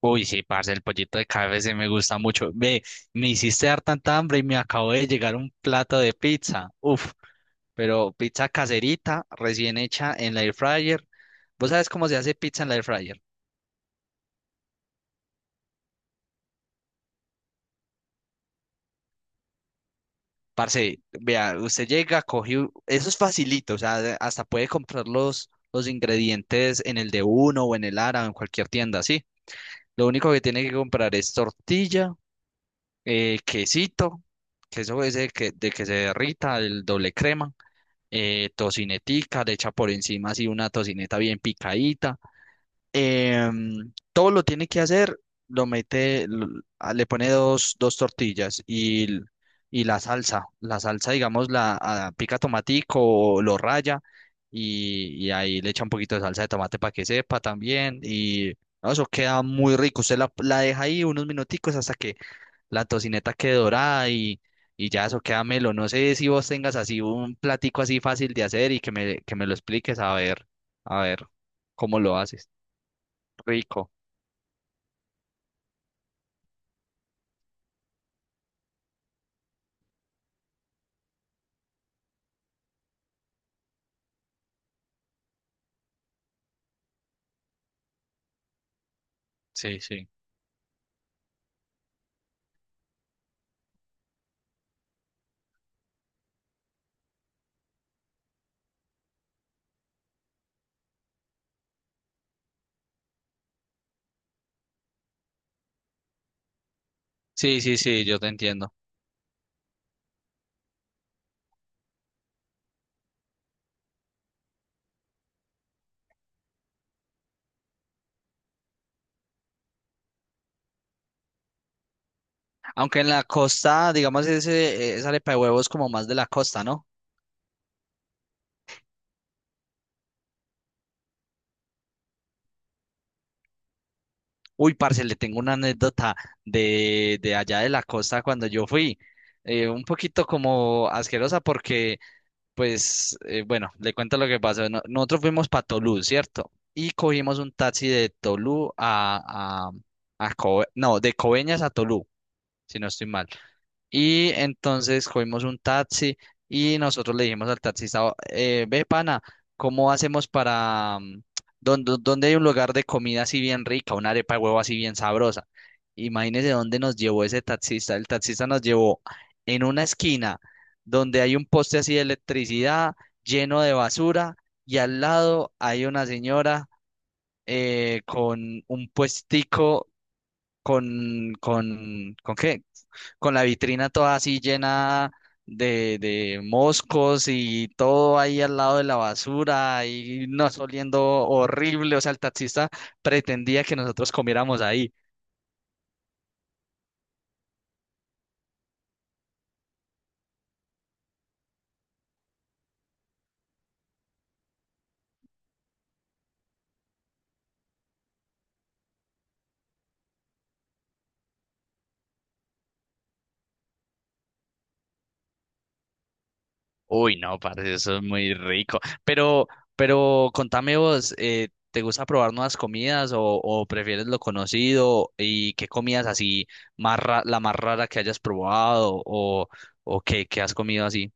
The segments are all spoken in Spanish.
Uy, sí, parce, el pollito de KFC me gusta mucho. Ve, me hiciste dar tanta hambre y me acabo de llegar un plato de pizza. Uf, pero pizza caserita, recién hecha en la air fryer. ¿Vos sabés cómo se hace pizza en la air fryer? Parce, vea, usted llega, coge, eso es facilito, o sea, hasta puede comprar los ingredientes en el de uno o en el Ara o en cualquier tienda, sí. Lo único que tiene que comprar es tortilla, quesito, queso ese que, de que se derrita, el doble crema tocinetica, le echa por encima así una tocineta bien picadita. Todo lo tiene que hacer, lo mete, le pone dos tortillas y la salsa. La salsa, digamos, la pica tomatico o lo raya y ahí le echa un poquito de salsa de tomate para que sepa también. Y no, eso queda muy rico. Usted la deja ahí unos minuticos hasta que la tocineta que dorada y ya eso queda melo. No sé si vos tengas así un platico así fácil de hacer y que que me lo expliques a ver cómo lo haces. Rico. Sí, sí. Sí, sí, sí, yo te entiendo. Aunque en la costa, digamos, esa arepa de huevos como más de la costa, ¿no? Uy, parce, le tengo una anécdota de allá de la costa cuando yo fui. Un poquito como asquerosa porque pues bueno, le cuento lo que pasó. Nosotros fuimos para Tolú, ¿cierto? Y cogimos un taxi de Tolú a no, de Coveñas a Tolú, si no estoy mal. Y entonces cogimos un taxi y nosotros le dijimos al taxista, Ve pana, ¿cómo hacemos para dónde hay un lugar de comida así bien rica, una arepa de huevo así bien sabrosa? Imagínese dónde nos llevó ese taxista. El taxista nos llevó en una esquina donde hay un poste así de electricidad lleno de basura y al lado hay una señora con un puestico con, ¿con qué? Con la vitrina toda así llena de moscos y todo ahí al lado de la basura y nos oliendo horrible. O sea, el taxista pretendía que nosotros comiéramos ahí. Uy, no, parece eso es muy rico. Pero, pero contame vos, ¿te gusta probar nuevas comidas o prefieres lo conocido? ¿Y qué comidas así la más rara que hayas probado o, qué has comido así?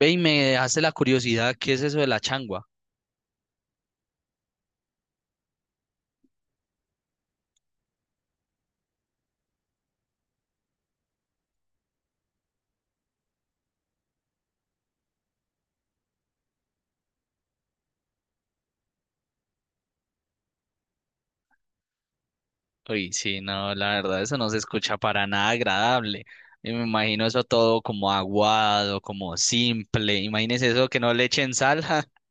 Ve y me hace la curiosidad, ¿qué es eso de la changua? Uy, sí, no, la verdad, eso no se escucha para nada agradable. Y me imagino eso todo como aguado, como simple. Imagínese eso que no le echen sal.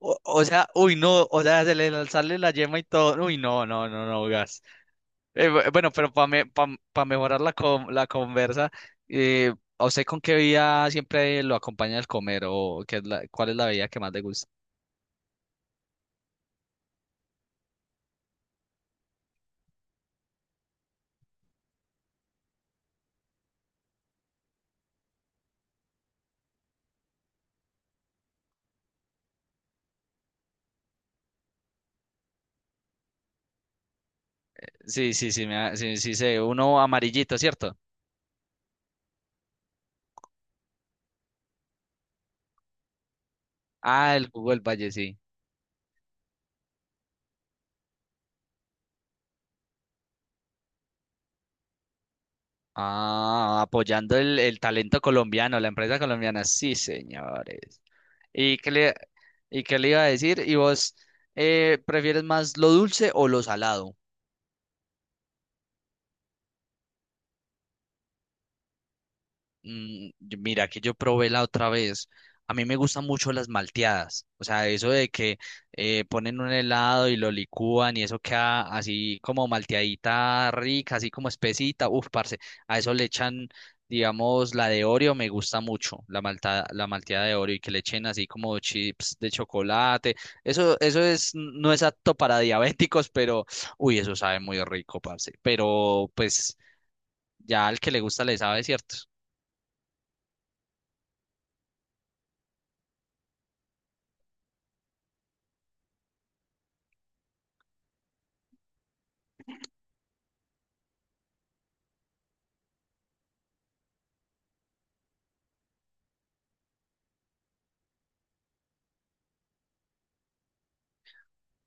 O, o sea, uy, no, o sea, se le sale la yema y todo. Uy, no, no, no, no, gas. Bueno, pero para mejorar la conversa, ¿a usted con qué bebida siempre lo acompaña al comer o qué es cuál es la bebida que más le gusta? Sí, sí, sí, sí, sí, sé, uno amarillito, ¿cierto? Ah, el jugo del Valle, sí. Ah, apoyando el talento colombiano, la empresa colombiana, sí, señores. ¿Y qué le, y qué le iba a decir? ¿Y vos prefieres más lo dulce o lo salado? Mm, mira, que yo probé la otra vez. A mí me gustan mucho las malteadas. O sea, eso de que ponen un helado y lo licúan y eso queda así como malteadita rica, así como espesita. Uf, parce. A eso le echan, digamos, la de Oreo me gusta mucho, la malteada de Oreo y que le echen así como chips de chocolate. Eso es, no es apto para diabéticos, pero uy, eso sabe muy rico, parce. Pero pues ya al que le gusta le sabe, ¿cierto?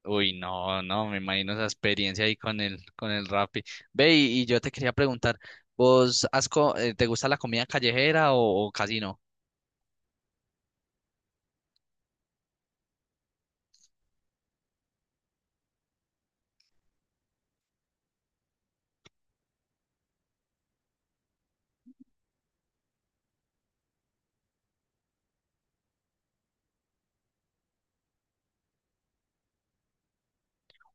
Uy, no, no, me imagino esa experiencia ahí con el Rappi. Ve, y yo te quería preguntar, ¿vos te gusta la comida callejera o casi no?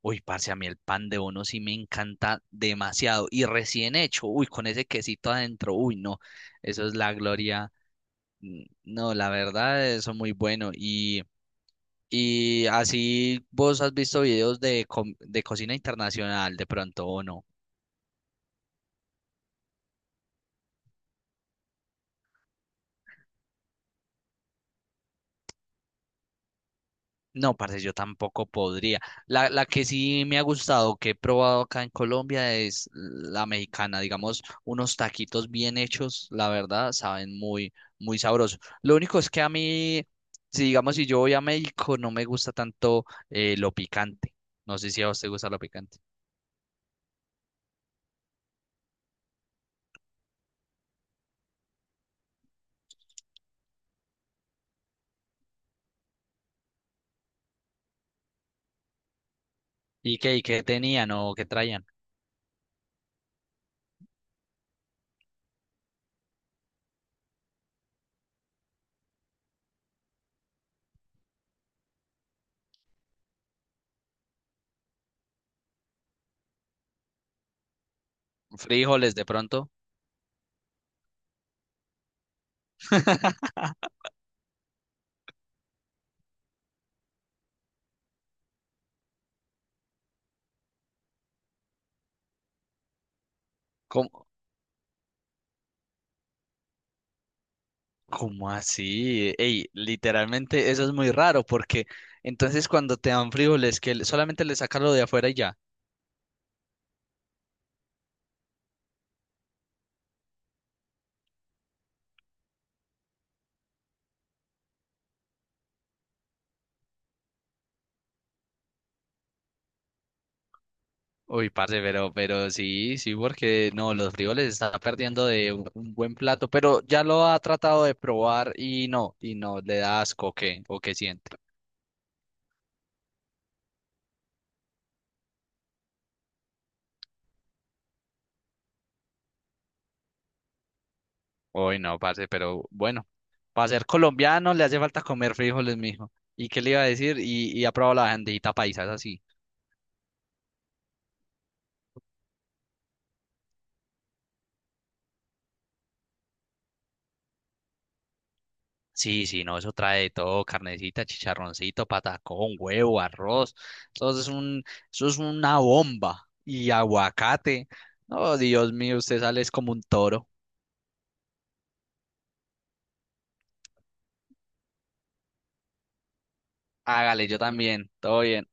Uy, parce, a mí el pan de bono sí me encanta demasiado. Y recién hecho, uy, con ese quesito adentro, uy, no, eso es la gloria. Mm, no, la verdad, eso es muy bueno. Y así vos has visto videos de, de cocina internacional de pronto o no. No, parce, yo tampoco podría. La que sí me ha gustado, que he probado acá en Colombia, es la mexicana. Digamos, unos taquitos bien hechos, la verdad, saben muy, muy sabrosos. Lo único es que a mí, si digamos, si yo voy a México, no me gusta tanto lo picante. No sé si a usted gusta lo picante. Y qué tenían o qué traían? Frijoles de pronto. ¿Cómo, cómo así? Ey, literalmente eso es muy raro porque entonces cuando te dan frijoles solamente le sacas lo de afuera y ya. Uy, parce, pero sí, sí, porque no, los frijoles está perdiendo de un buen plato, pero ya lo ha tratado de probar y no, le da asco, ¿o qué? ¿O qué siente? Hoy no, parce, pero bueno, para ser colombiano le hace falta comer frijoles, mijo. ¿Y qué le iba a decir? Y ha probado la bandejita paisa, es así. Sí, sí, no, eso trae de todo, carnecita, chicharroncito, patacón, huevo, arroz. Eso es un, eso es una bomba. Y aguacate. No, Dios mío, usted sale es como un toro. Hágale, yo también. Todo bien.